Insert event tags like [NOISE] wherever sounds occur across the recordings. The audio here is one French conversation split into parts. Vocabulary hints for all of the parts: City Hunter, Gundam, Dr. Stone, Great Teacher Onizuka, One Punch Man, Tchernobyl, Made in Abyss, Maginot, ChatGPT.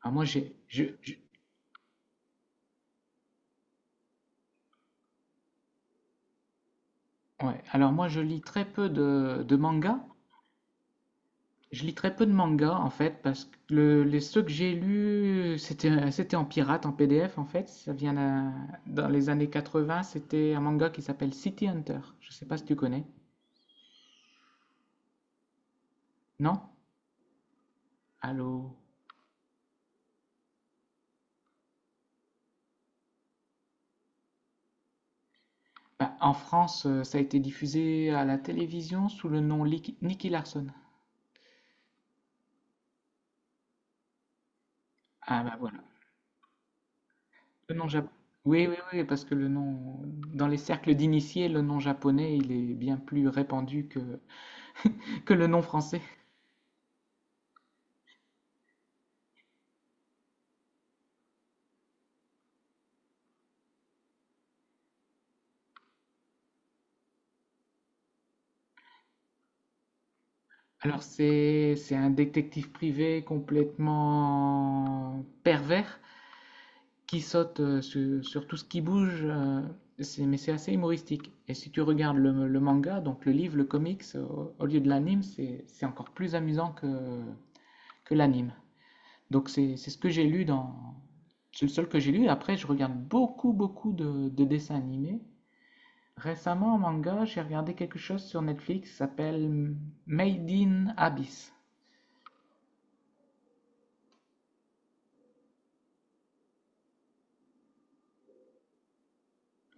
Alors moi j'ai, je- ouais. Alors moi je lis très peu de mangas. Je lis très peu de mangas en fait parce que les ceux que j'ai lus c'était en pirate, en PDF en fait. Ça vient dans les années 80. C'était un manga qui s'appelle City Hunter. Je sais pas si tu connais. Non? Allô? Bah, en France, ça a été diffusé à la télévision sous le nom Nicky Larson. Ah bah voilà. Le nom japonais. Oui, oui, oui, parce que le nom, dans les cercles d'initiés, le nom japonais, il est bien plus répandu que le nom français. Alors c'est un détective privé complètement pervers qui saute sur, sur tout ce qui bouge, mais c'est assez humoristique. Et si tu regardes le manga, donc le livre, le comics, au, au lieu de l'anime, c'est encore plus amusant que l'anime. Donc c'est ce que j'ai lu dans... C'est le seul que j'ai lu. Après, je regarde beaucoup, beaucoup de dessins animés. Récemment, en manga, j'ai regardé quelque chose sur Netflix qui s'appelle Made in Abyss.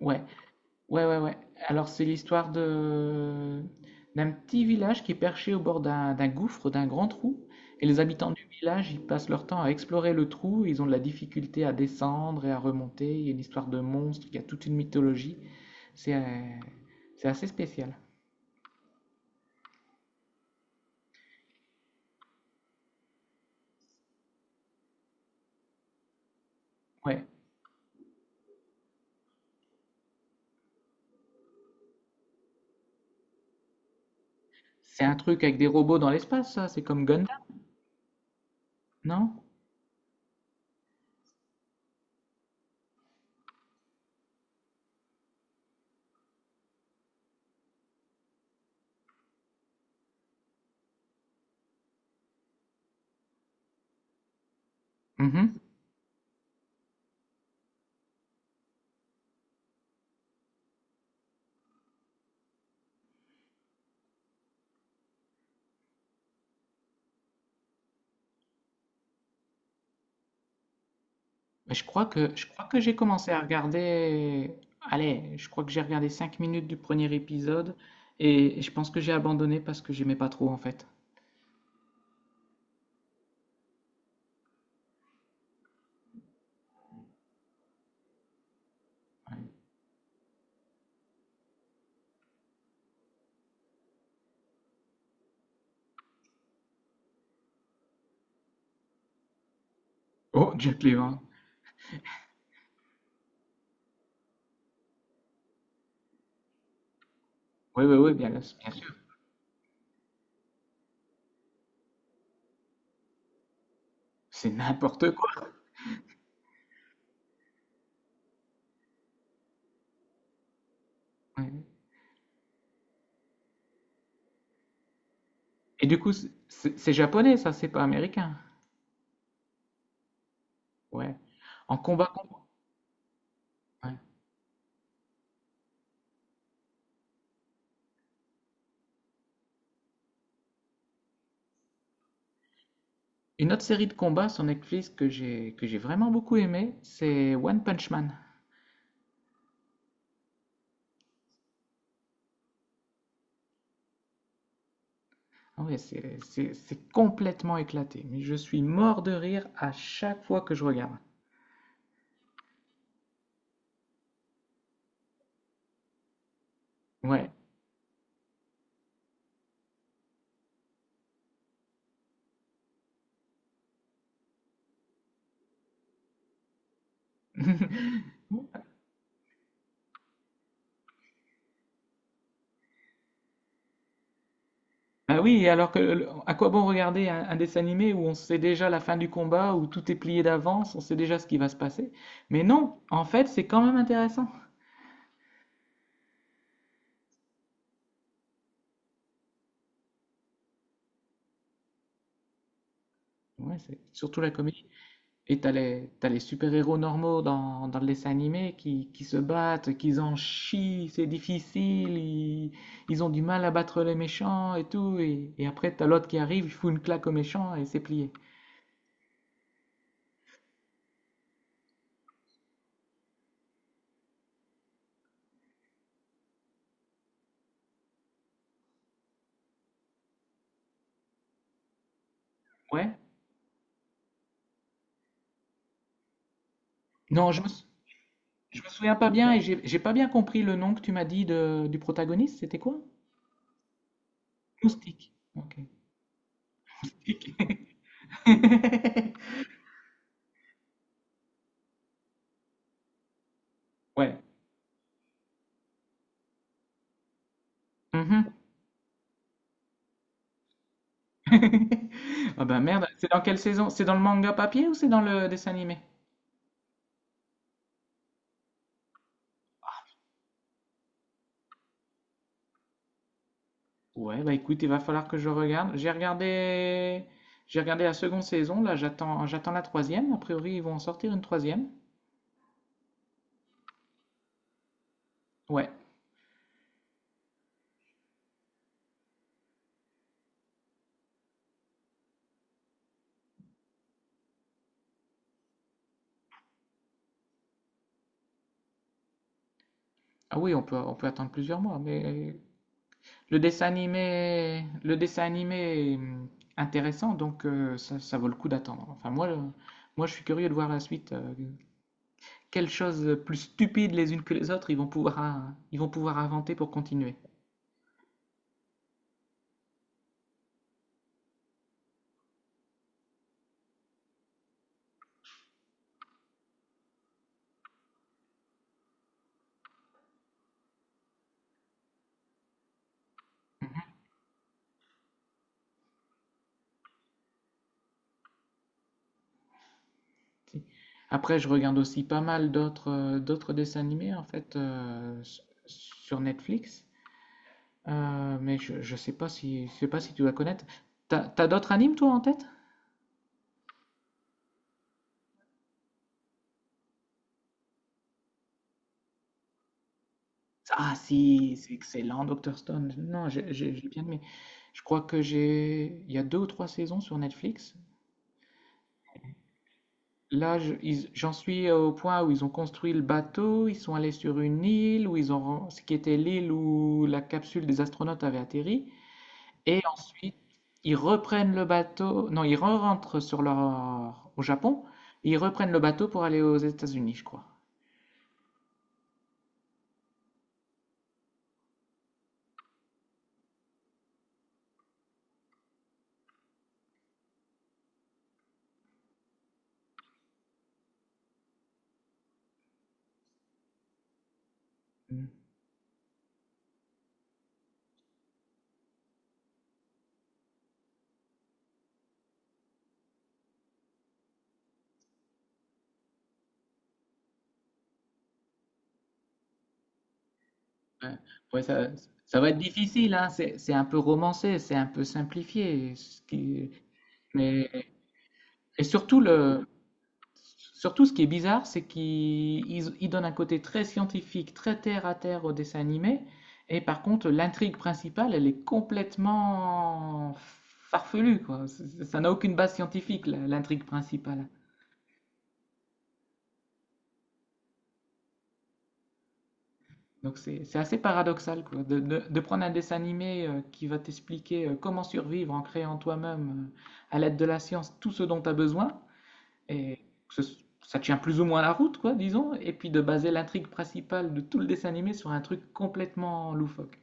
Ouais, ouais, ouais, ouais. Alors c'est l'histoire de d'un petit village qui est perché au bord d'un gouffre, d'un grand trou, et les habitants du village, ils passent leur temps à explorer le trou, ils ont de la difficulté à descendre et à remonter, il y a une histoire de monstre, il y a toute une mythologie, c'est euh, c'est assez spécial. Ouais, c'est un truc avec des robots dans l'espace, ça, c'est comme Gundam, non? Mhm. Mais je crois que j'ai commencé à regarder. Allez, je crois que j'ai regardé 5 minutes du premier épisode et je pense que j'ai abandonné parce que j'aimais pas trop en fait. Ouais. Oh, Jack Levin. Oui, oui, oui, bien, bien sûr. C'est n'importe quoi. Ouais. Et du coup, c'est japonais, ça, c'est pas américain. Ouais. En combat, combat. Ouais. Une autre série de combats sur Netflix que j'ai vraiment beaucoup aimé, c'est One Punch Man. Ouais, c'est complètement éclaté. Mais je suis mort de rire à chaque fois que je regarde. Ouais. [LAUGHS] Bah oui, et alors que, à quoi bon regarder un dessin animé où on sait déjà la fin du combat, où tout est plié d'avance, on sait déjà ce qui va se passer. Mais non, en fait, c'est quand même intéressant. Ouais, c'est surtout la comédie. Et t'as les super-héros normaux dans, dans le dessin animé qui se battent, qui en chient, c'est difficile, ils ont du mal à battre les méchants et tout. Et après, t'as l'autre qui arrive, il fout une claque aux méchants et c'est plié. Ouais. Non, je me, sou- Je me souviens pas bien et j'ai pas bien compris le nom que tu m'as dit de, du protagoniste, c'était quoi? Moustique. Ok. Moustique. [LAUGHS] Ouais. Mhm. [LAUGHS] Ah ben merde, c'est dans quelle saison? C'est dans le manga papier ou c'est dans le dessin animé? Ouais, bah écoute, il va falloir que je regarde. J'ai regardé la seconde saison, là j'attends, j'attends la troisième. A priori, ils vont en sortir une troisième. Ouais. Ah oui, on peut attendre plusieurs mois, mais le dessin animé est intéressant, donc ça, ça vaut le coup d'attendre. Enfin, moi, je suis curieux de voir la suite. Quelles choses plus stupides les unes que les autres ils vont pouvoir inventer pour continuer. Tu Après, je regarde aussi pas mal d'autres d'autres dessins animés en fait sur Netflix. Mais je sais pas si, je sais pas si tu vas connaître. T'as, t'as d'autres animes toi en tête? Ah si, c'est excellent, Dr. Stone. Non, j'ai bien aimé. Je crois que j'ai... Il y a deux ou trois saisons sur Netflix. Là, j'en suis au point où ils ont construit le bateau, ils sont allés sur une île, où ils ont... ce qui était l'île où la capsule des astronautes avait atterri. Et ensuite, ils reprennent le bateau. Non, ils rentrent sur leur... au Japon. Et ils reprennent le bateau pour aller aux États-Unis, je crois. Hmm. Ouais. Ouais, ça va être difficile, hein. C'est un peu romancé, c'est un peu simplifié. Mais, et surtout, surtout, ce qui est bizarre, c'est qu'ils ils- ils donnent un côté très scientifique, très terre à terre au dessin animé. Et par contre, l'intrigue principale, elle est complètement farfelue, quoi. Ça n'a aucune base scientifique, l'intrigue principale. Donc c'est assez paradoxal quoi, de prendre un dessin animé qui va t'expliquer comment survivre en créant toi-même à l'aide de la science tout ce dont tu as besoin et que ce- ça tient plus ou moins la route quoi, disons, et puis de baser l'intrigue principale de tout le dessin animé sur un truc complètement loufoque.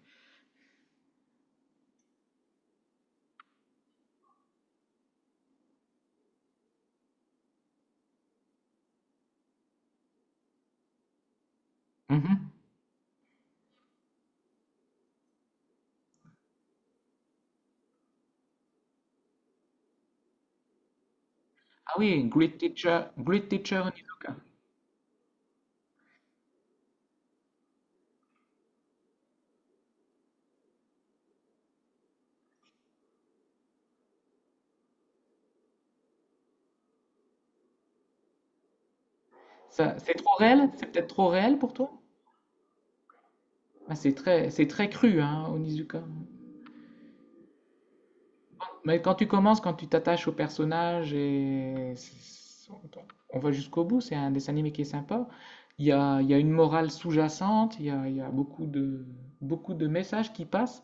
Mhm. Ah oui, Great Teacher Onizuka. Ça, c'est trop réel? C'est peut-être trop réel pour toi? Ah, c'est très cru, hein, Onizuka. Mais quand tu commences, quand tu t'attaches au personnage on va jusqu'au bout, c'est un dessin animé qui est sympa. Il y a une morale sous-jacente, il y a beaucoup de messages qui passent,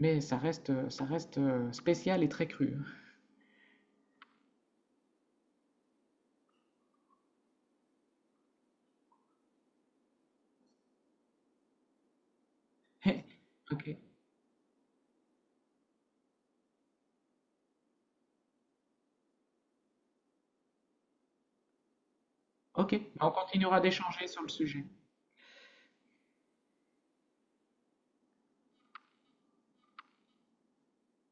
mais ça reste spécial et très cru. [LAUGHS] Ok, ok, on continuera d'échanger sur le sujet.